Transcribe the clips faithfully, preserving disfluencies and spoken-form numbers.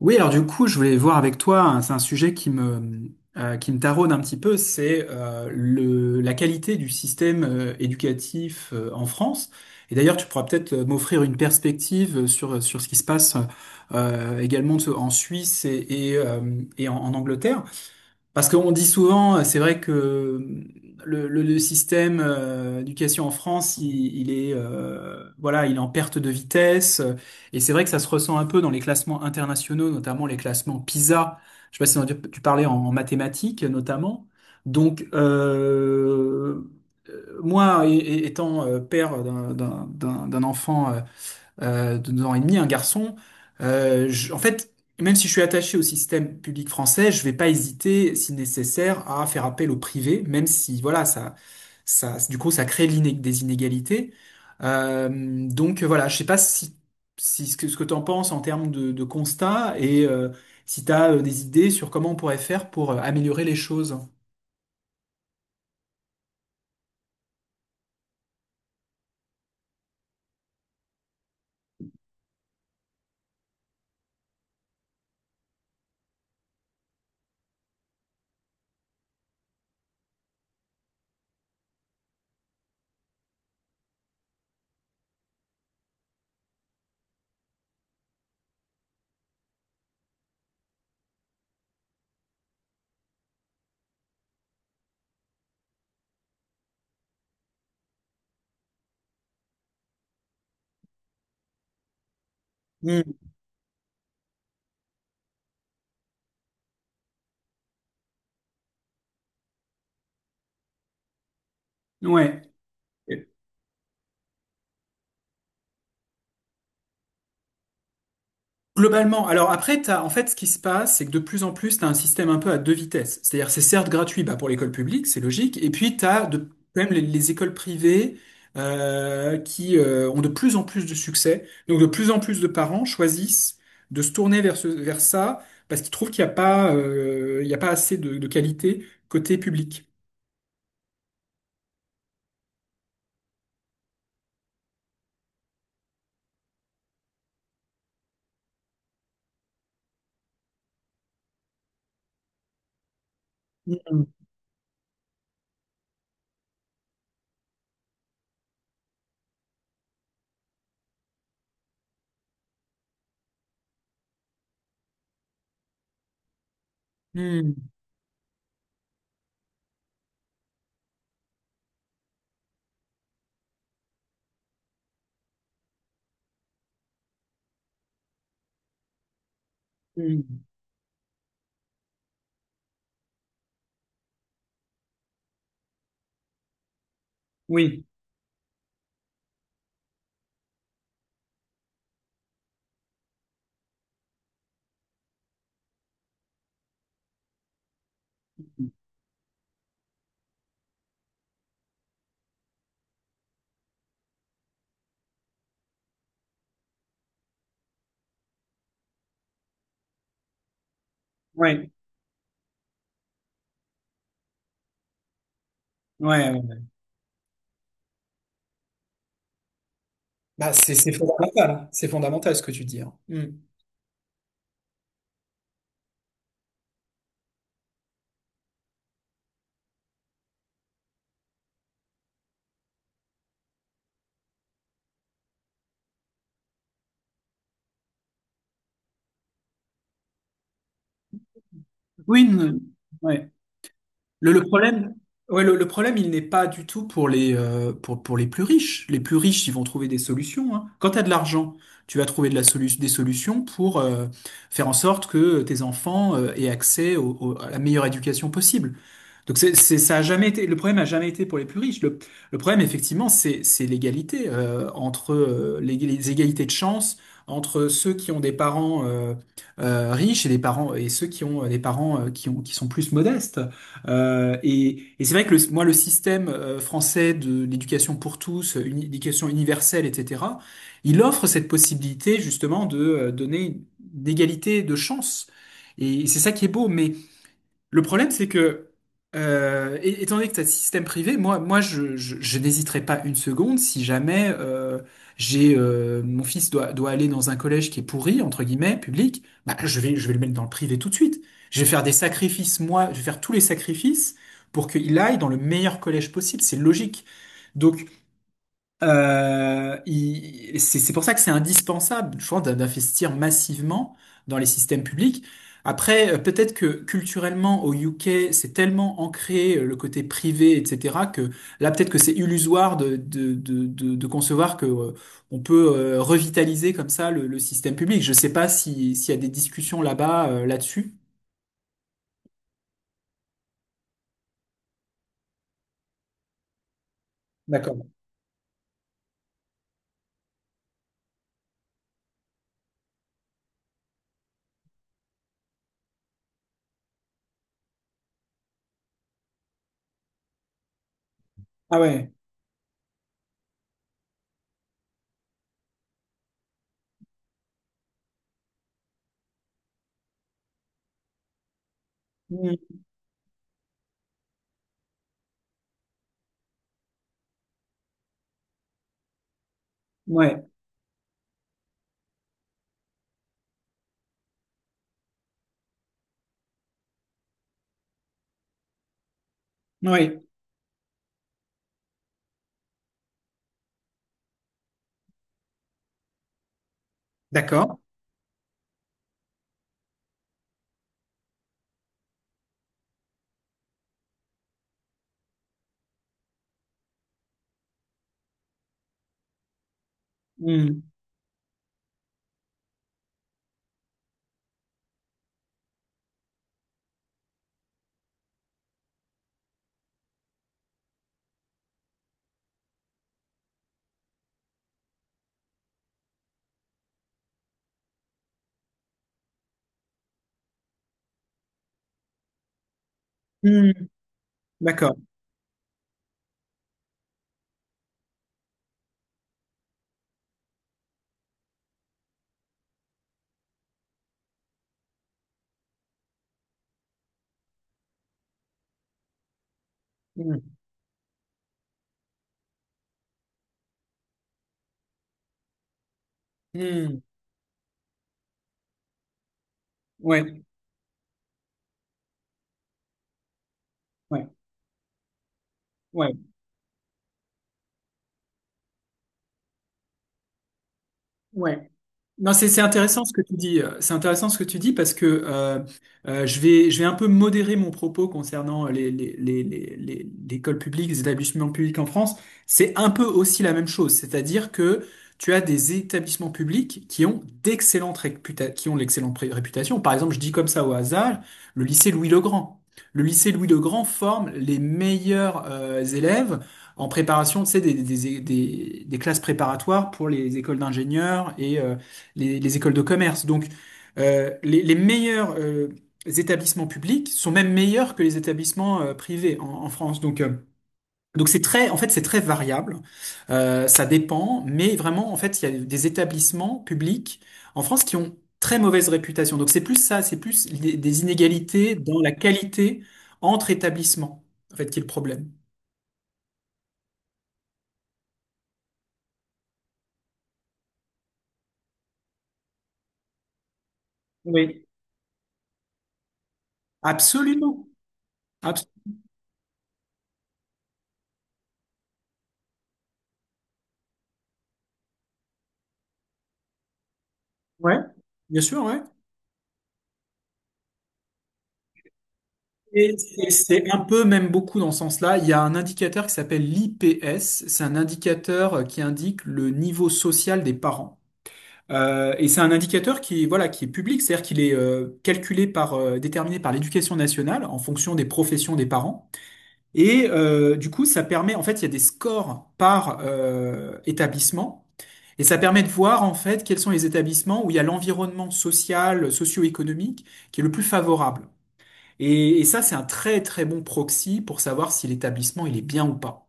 Oui, alors du coup, je voulais voir avec toi, hein, c'est un sujet qui me, euh, qui me taraude un petit peu, c'est euh, le, la qualité du système euh, éducatif euh, en France. Et d'ailleurs, tu pourras peut-être euh, m'offrir une perspective euh, sur, sur ce qui se passe euh, également de- en Suisse et, et, euh, et en, en Angleterre. Parce qu'on dit souvent, euh, c'est vrai que le, le- le système euh, d'éducation en France, il, il est euh, voilà, il est en perte de vitesse. Et c'est vrai que ça se ressent un peu dans les classements internationaux, notamment les classements PISA. Je sais pas si tu tu parlais en, en mathématiques, notamment. Donc, euh, euh, moi, é- é- étant euh, père d'un d'un- d'un- d'un enfant euh, euh, de deux ans et demi, un garçon, euh, je- en fait, même si je suis attaché au système public français, je vais pas hésiter, si nécessaire, à faire appel au privé, même si, voilà, ça, ça, du coup, ça crée l'iné- des inégalités. Euh, donc euh, voilà, je sais pas si, si ce que, ce que tu en penses en termes de, de constat et euh, si tu as des idées sur comment on pourrait faire pour euh, améliorer les choses. Mm. Ouais. Globalement, alors après, t'as, en fait, ce qui se passe, c'est que de plus en plus, tu as un système un peu à deux vitesses. C'est-à-dire, c'est certes gratuit bah, pour l'école publique, c'est logique, et puis tu as de, quand même les, les écoles privées euh, qui euh, ont de plus en plus de succès. Donc, de plus en plus de parents choisissent de se tourner vers, ce- vers ça parce qu'ils trouvent qu'il n'y a pas, euh, il y a pas assez de, de qualité côté public. Mm, mm, mm. Oui, ouais, ouais. ouais. Bah, c'est c'est fondamental, c'est fondamental ce que tu dis. hein. Hmm. Oui, non, ouais. Le, le problème, ouais, le, le problème, il n'est pas du tout pour les, euh, pour, pour les plus riches. Les plus riches, ils vont trouver des solutions, hein. Quand tu as de l'argent, tu vas trouver de la solu- des solutions pour euh, faire en sorte que tes enfants euh, aient accès au- au- à la meilleure éducation possible. Donc c'est, c'est- ça a jamais été, le problème a jamais été pour les plus riches. Le, le problème, effectivement, c'est, c'est l'égalité euh, entre euh, les, les égalités de chance entre ceux qui ont des parents euh, euh, riches et des parents et ceux qui ont euh, des parents euh, qui ont qui sont plus modestes. Euh, et et c'est vrai que le- moi, le système euh, français de l'éducation pour tous, une éducation universelle, et cetera, il offre cette possibilité justement de euh, donner une- d'égalité de chance. Et c'est ça qui est beau, mais le problème, c'est que, euh, é- étant donné que c'est un système privé, moi, moi, je, je, je n'hésiterai pas une seconde si jamais euh, j'ai euh, mon fils doit, doit aller dans un collège qui est pourri, entre guillemets, public, bah, je vais, je vais le mettre dans le privé tout de suite. Je vais faire des sacrifices, moi, je vais faire tous les sacrifices pour qu'il aille dans le meilleur collège possible. C'est logique. Donc, euh, il- c'est c'est pour ça que c'est indispensable, je pense, d'investir massivement dans les systèmes publics. Après, euh, peut-être que culturellement au U K, c'est tellement ancré euh, le côté privé, et cetera, que là, peut-être que c'est illusoire de, de, de, de, de concevoir que euh, on peut euh, revitaliser comme ça le, le système public. Je sais pas si s'il y a des discussions là-bas, euh, là-dessus. D'accord. Ah ouais. Mm. Ouais. Ouais. D'accord. Mm. Mm. D'accord. Mm. Mm. Ouais. Ouais, ouais, ouais. Non, c'est c'est intéressant ce que tu dis. euh, C'est intéressant ce que tu dis parce que euh, euh, je vais je vais un peu modérer mon propos concernant les les les les les- l'école publique, les établissements publics en France. C'est un peu aussi la même chose, c'est-à-dire que tu as des établissements publics qui ont d'excellentes réputa- qui ont l'excellente pré- réputation. Par exemple, je dis comme ça au hasard, le lycée Louis-le-Grand. Le lycée Louis-le-Grand forme les meilleurs euh, élèves en préparation, tu sais, des, des, des, des classes préparatoires pour les écoles d'ingénieurs et, euh, les, les écoles de commerce. Donc, euh, les, les meilleurs euh, établissements publics sont même meilleurs que les établissements euh, privés en, en France. Donc, euh, donc c'est très, en fait, c'est très variable. Euh, ça dépend, mais vraiment, en fait, il y a des établissements publics en France qui ont très mauvaise réputation. Donc, c'est plus ça, c'est plus des, des inégalités dans la qualité entre établissements, en fait, qui est le problème. Oui. Absolument. Abs- ouais. Bien sûr, ouais. Et C'est c'est un peu, même beaucoup dans ce sens-là. Il y a un indicateur qui s'appelle l'I P S. C'est un indicateur qui indique le niveau social des parents. Euh, et c'est un indicateur qui, voilà, qui est public, c'est-à-dire qu'il est euh, calculé par, euh, déterminé par l'Éducation nationale en fonction des professions des parents. Et euh, du coup, ça permet, en fait, il y a des scores par euh, établissement. Et ça permet de voir en fait quels sont les établissements où il y a l'environnement social, socio-économique qui est le plus favorable. Et, et ça, c'est un très très bon proxy pour savoir si l'établissement il est bien ou pas.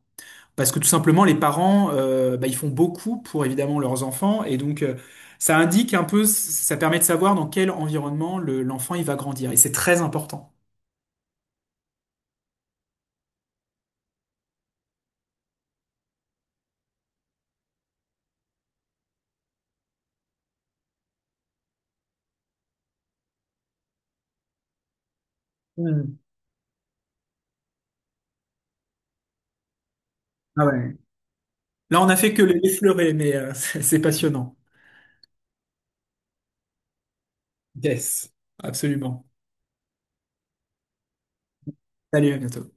Parce que tout simplement, les parents, euh, bah, ils font beaucoup pour évidemment leurs enfants, et donc euh, ça indique un peu, ça permet de savoir dans quel environnement le- l'enfant il va grandir, et c'est très important. Hmm. Ah ouais. Là, on a fait que l'effleurer, mais euh, c'est c'est passionnant. Yes, absolument. Salut, à bientôt.